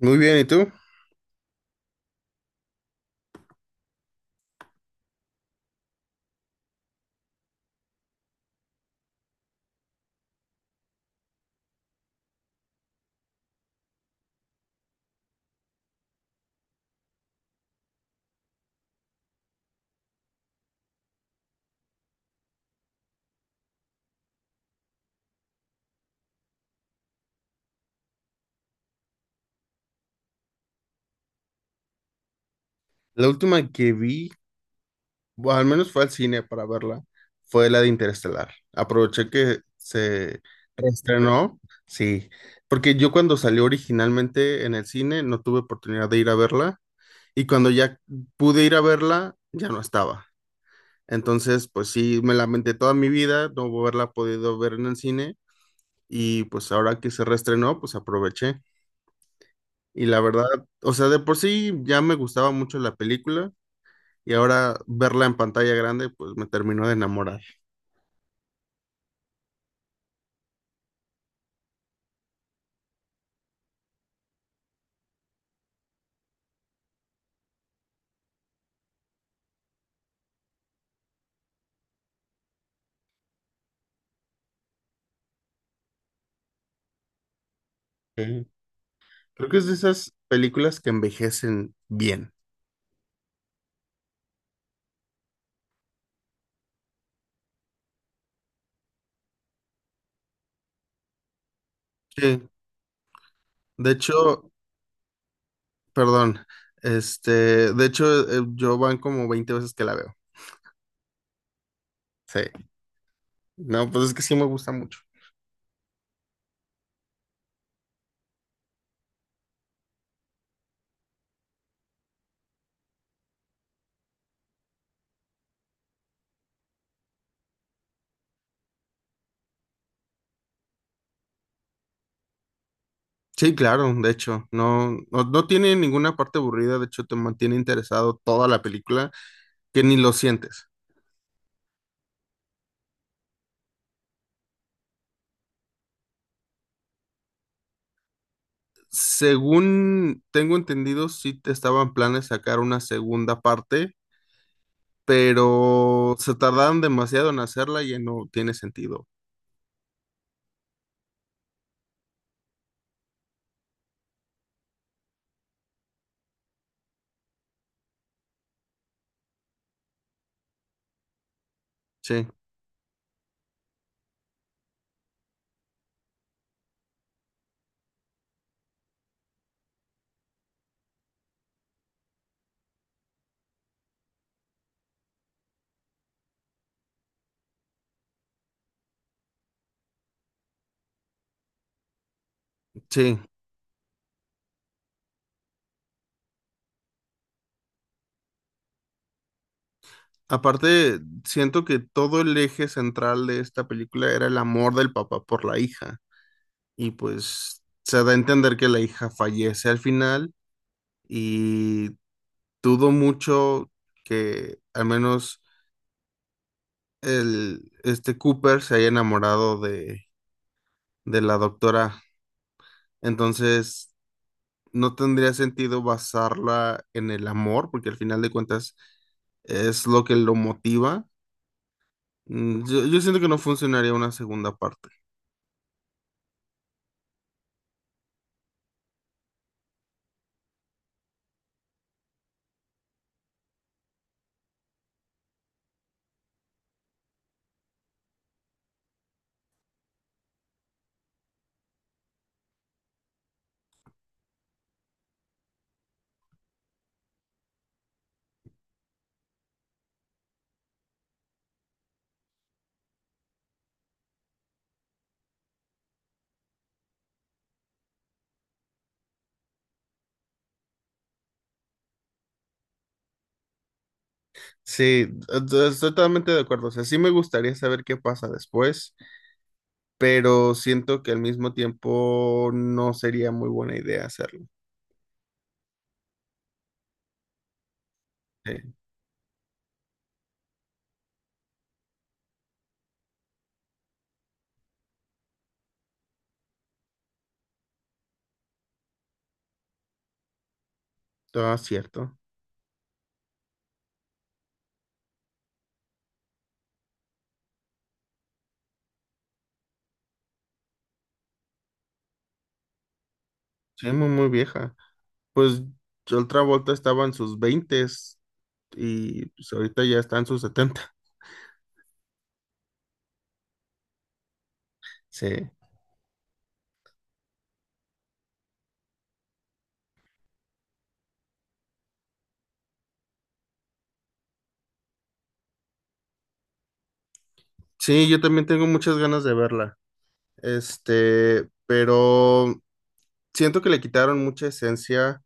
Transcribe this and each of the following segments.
Muy bien, ¿y tú? La última que vi, o al menos fue al cine para verla, fue la de Interestelar. Aproveché que se reestrenó, sí, porque yo cuando salió originalmente en el cine no tuve oportunidad de ir a verla y cuando ya pude ir a verla ya no estaba. Entonces, pues sí, me lamenté toda mi vida no haberla podido ver en el cine y pues ahora que se reestrenó, pues aproveché. Y la verdad, o sea, de por sí ya me gustaba mucho la película y ahora verla en pantalla grande, pues me terminó de enamorar. Ok. Creo que es de esas películas que envejecen bien. Sí, de hecho, perdón, este, de hecho, yo van como 20 veces que la veo. Sí, no, pues es que sí me gusta mucho. Sí, claro, de hecho, no, no, no tiene ninguna parte aburrida, de hecho te mantiene interesado toda la película, que ni lo sientes. Según tengo entendido, sí te estaban planes sacar una segunda parte, pero se tardaron demasiado en hacerla y ya no tiene sentido. Sí, sí. Aparte, siento que todo el eje central de esta película era el amor del papá por la hija. Y pues se da a entender que la hija fallece al final y dudo mucho que al menos este Cooper se haya enamorado de la doctora. Entonces, no tendría sentido basarla en el amor, porque al final de cuentas es lo que lo motiva. Yo siento que no funcionaría una segunda parte. Sí, estoy totalmente de acuerdo. O sea, sí me gustaría saber qué pasa después, pero siento que al mismo tiempo no sería muy buena idea hacerlo. Sí, todo cierto. Sí, muy, muy vieja. Pues otra vuelta estaba en sus veintes y pues ahorita ya está en sus setenta. Sí. Sí, yo también tengo muchas ganas de verla. Este, pero siento que le quitaron mucha esencia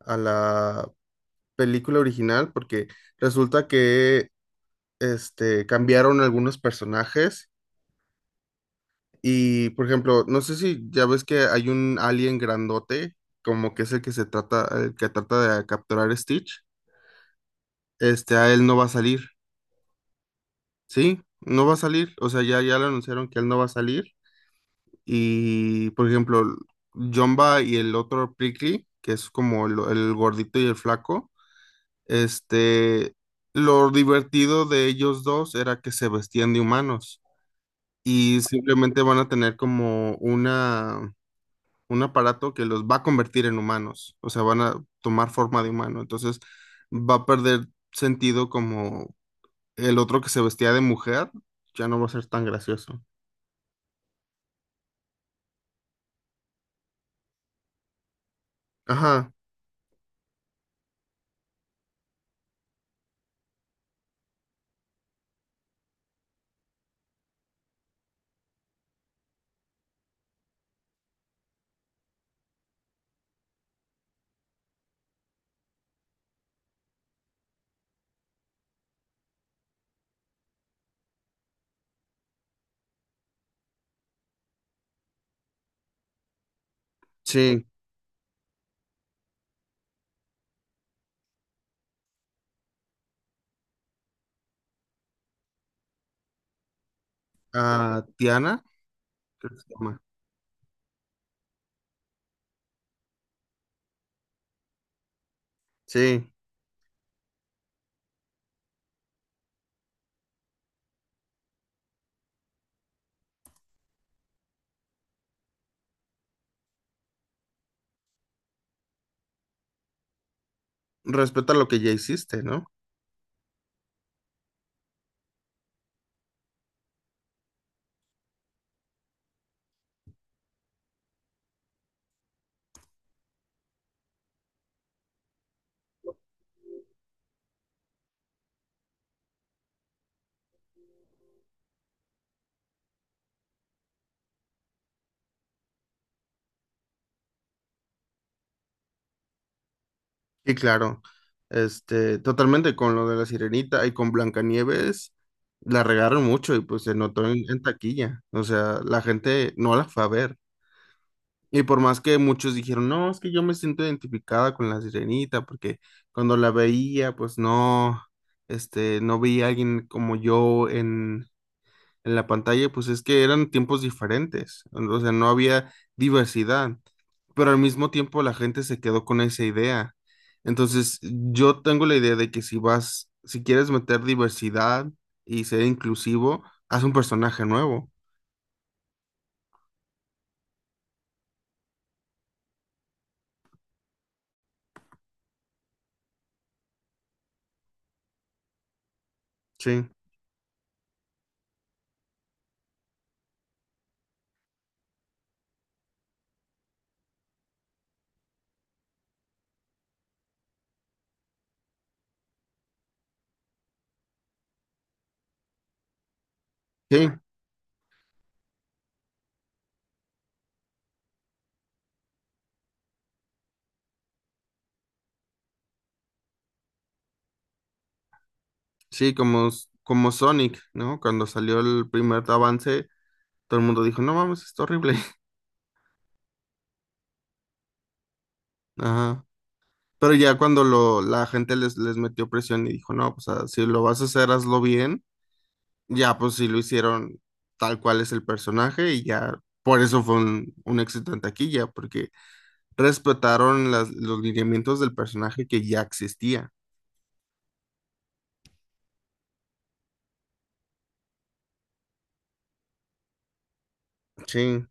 a la película original porque resulta que este cambiaron algunos personajes y por ejemplo, no sé si ya ves que hay un alien grandote, como que es el que se trata el que trata de capturar a Stitch. Este, a él no va a salir, ¿sí? No va a salir, o sea, ya le anunciaron que él no va a salir. Y, por ejemplo, Jumba y el otro Prickly, que es como el gordito y el flaco, este, lo divertido de ellos dos era que se vestían de humanos y simplemente van a tener como un aparato que los va a convertir en humanos, o sea, van a tomar forma de humano, entonces va a perder sentido como el otro que se vestía de mujer, ya no va a ser tan gracioso. Ajá, sí, a Tiana, creo que se llama. Sí, respeta lo que ya hiciste, ¿no? Y claro, este, totalmente con lo de la Sirenita y con Blancanieves, la regaron mucho y pues se notó en, taquilla. O sea, la gente no la fue a ver. Y por más que muchos dijeron, no, es que yo me siento identificada con la Sirenita, porque cuando la veía, pues no, este, no veía a alguien como yo en la pantalla, pues es que eran tiempos diferentes, o sea, no había diversidad, pero al mismo tiempo la gente se quedó con esa idea. Entonces, yo tengo la idea de que si quieres meter diversidad y ser inclusivo, haz un personaje nuevo. Sí, sí, sí, como Sonic, ¿no? Cuando salió el primer avance, todo el mundo dijo, no mames, está horrible. Ajá. Pero ya cuando la gente les metió presión y dijo, no, pues si lo vas a hacer, hazlo bien. Ya, pues sí lo hicieron tal cual es el personaje y ya por eso fue un éxito en taquilla, porque respetaron los lineamientos del personaje que ya existía. Sí,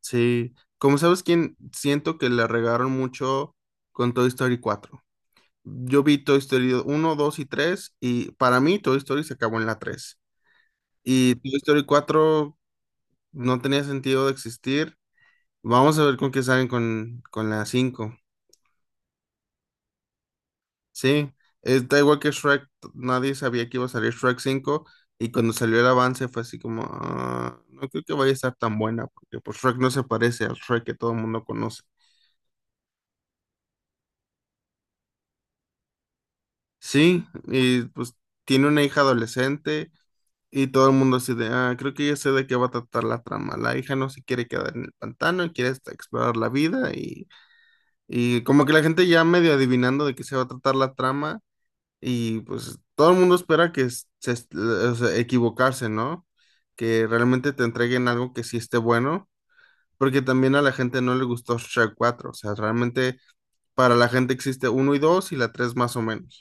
sí. Como sabes, quién siento que le regaron mucho con Toy Story cuatro. Yo vi Toy Story uno, 2 y 3 y para mí Toy Story se acabó en la tres. Y Toy Story 4 no tenía sentido de existir. Vamos a ver con qué salen con, la cinco. Sí, da igual que Shrek, nadie sabía que iba a salir Shrek 5 y cuando salió el avance fue así como, "Ah, no creo que vaya a estar tan buena porque pues Shrek no se parece al Shrek que todo el mundo conoce." Sí, y pues tiene una hija adolescente y todo el mundo así de, ah, creo que ya sé de qué va a tratar la trama. La hija no se quiere quedar en el pantano, y quiere hasta explorar la vida y como que la gente ya medio adivinando de qué se va a tratar la trama. Y pues todo el mundo espera que o sea, equivocarse, ¿no? Que realmente te entreguen algo que sí esté bueno, porque también a la gente no le gustó Shrek cuatro, o sea, realmente para la gente existe uno y 2 y la tres más o menos.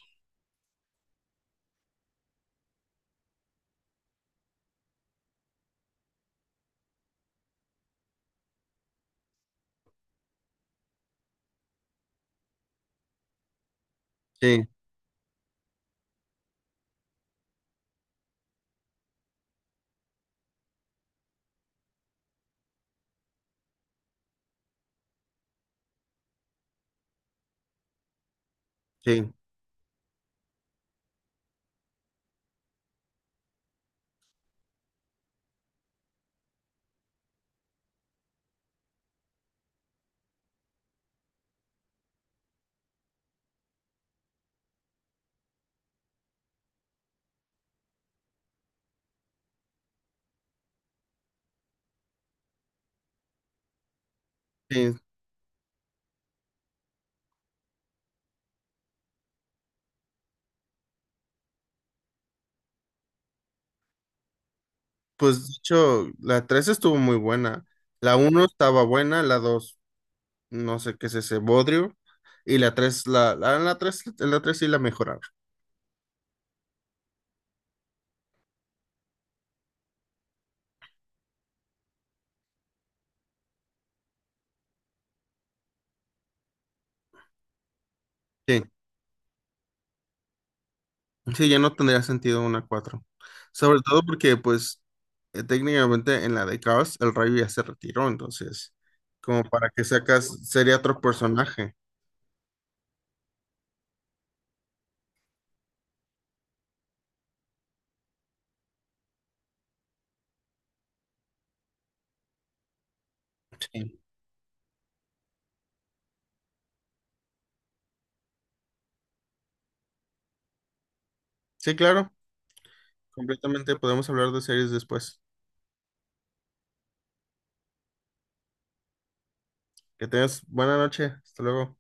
Sí, sí, sí. Pues de hecho la 3 estuvo muy buena, la uno estaba buena, la 2 no sé qué es ese bodrio, y la tres sí la mejoraron. Sí, ya no tendría sentido una cuatro. Sobre todo porque, pues, técnicamente en la de Chaos el rayo ya se retiró, entonces, como para que sacas, sería otro personaje. Sí, sí, claro, completamente podemos hablar de series después. Que tengas buena noche, hasta luego.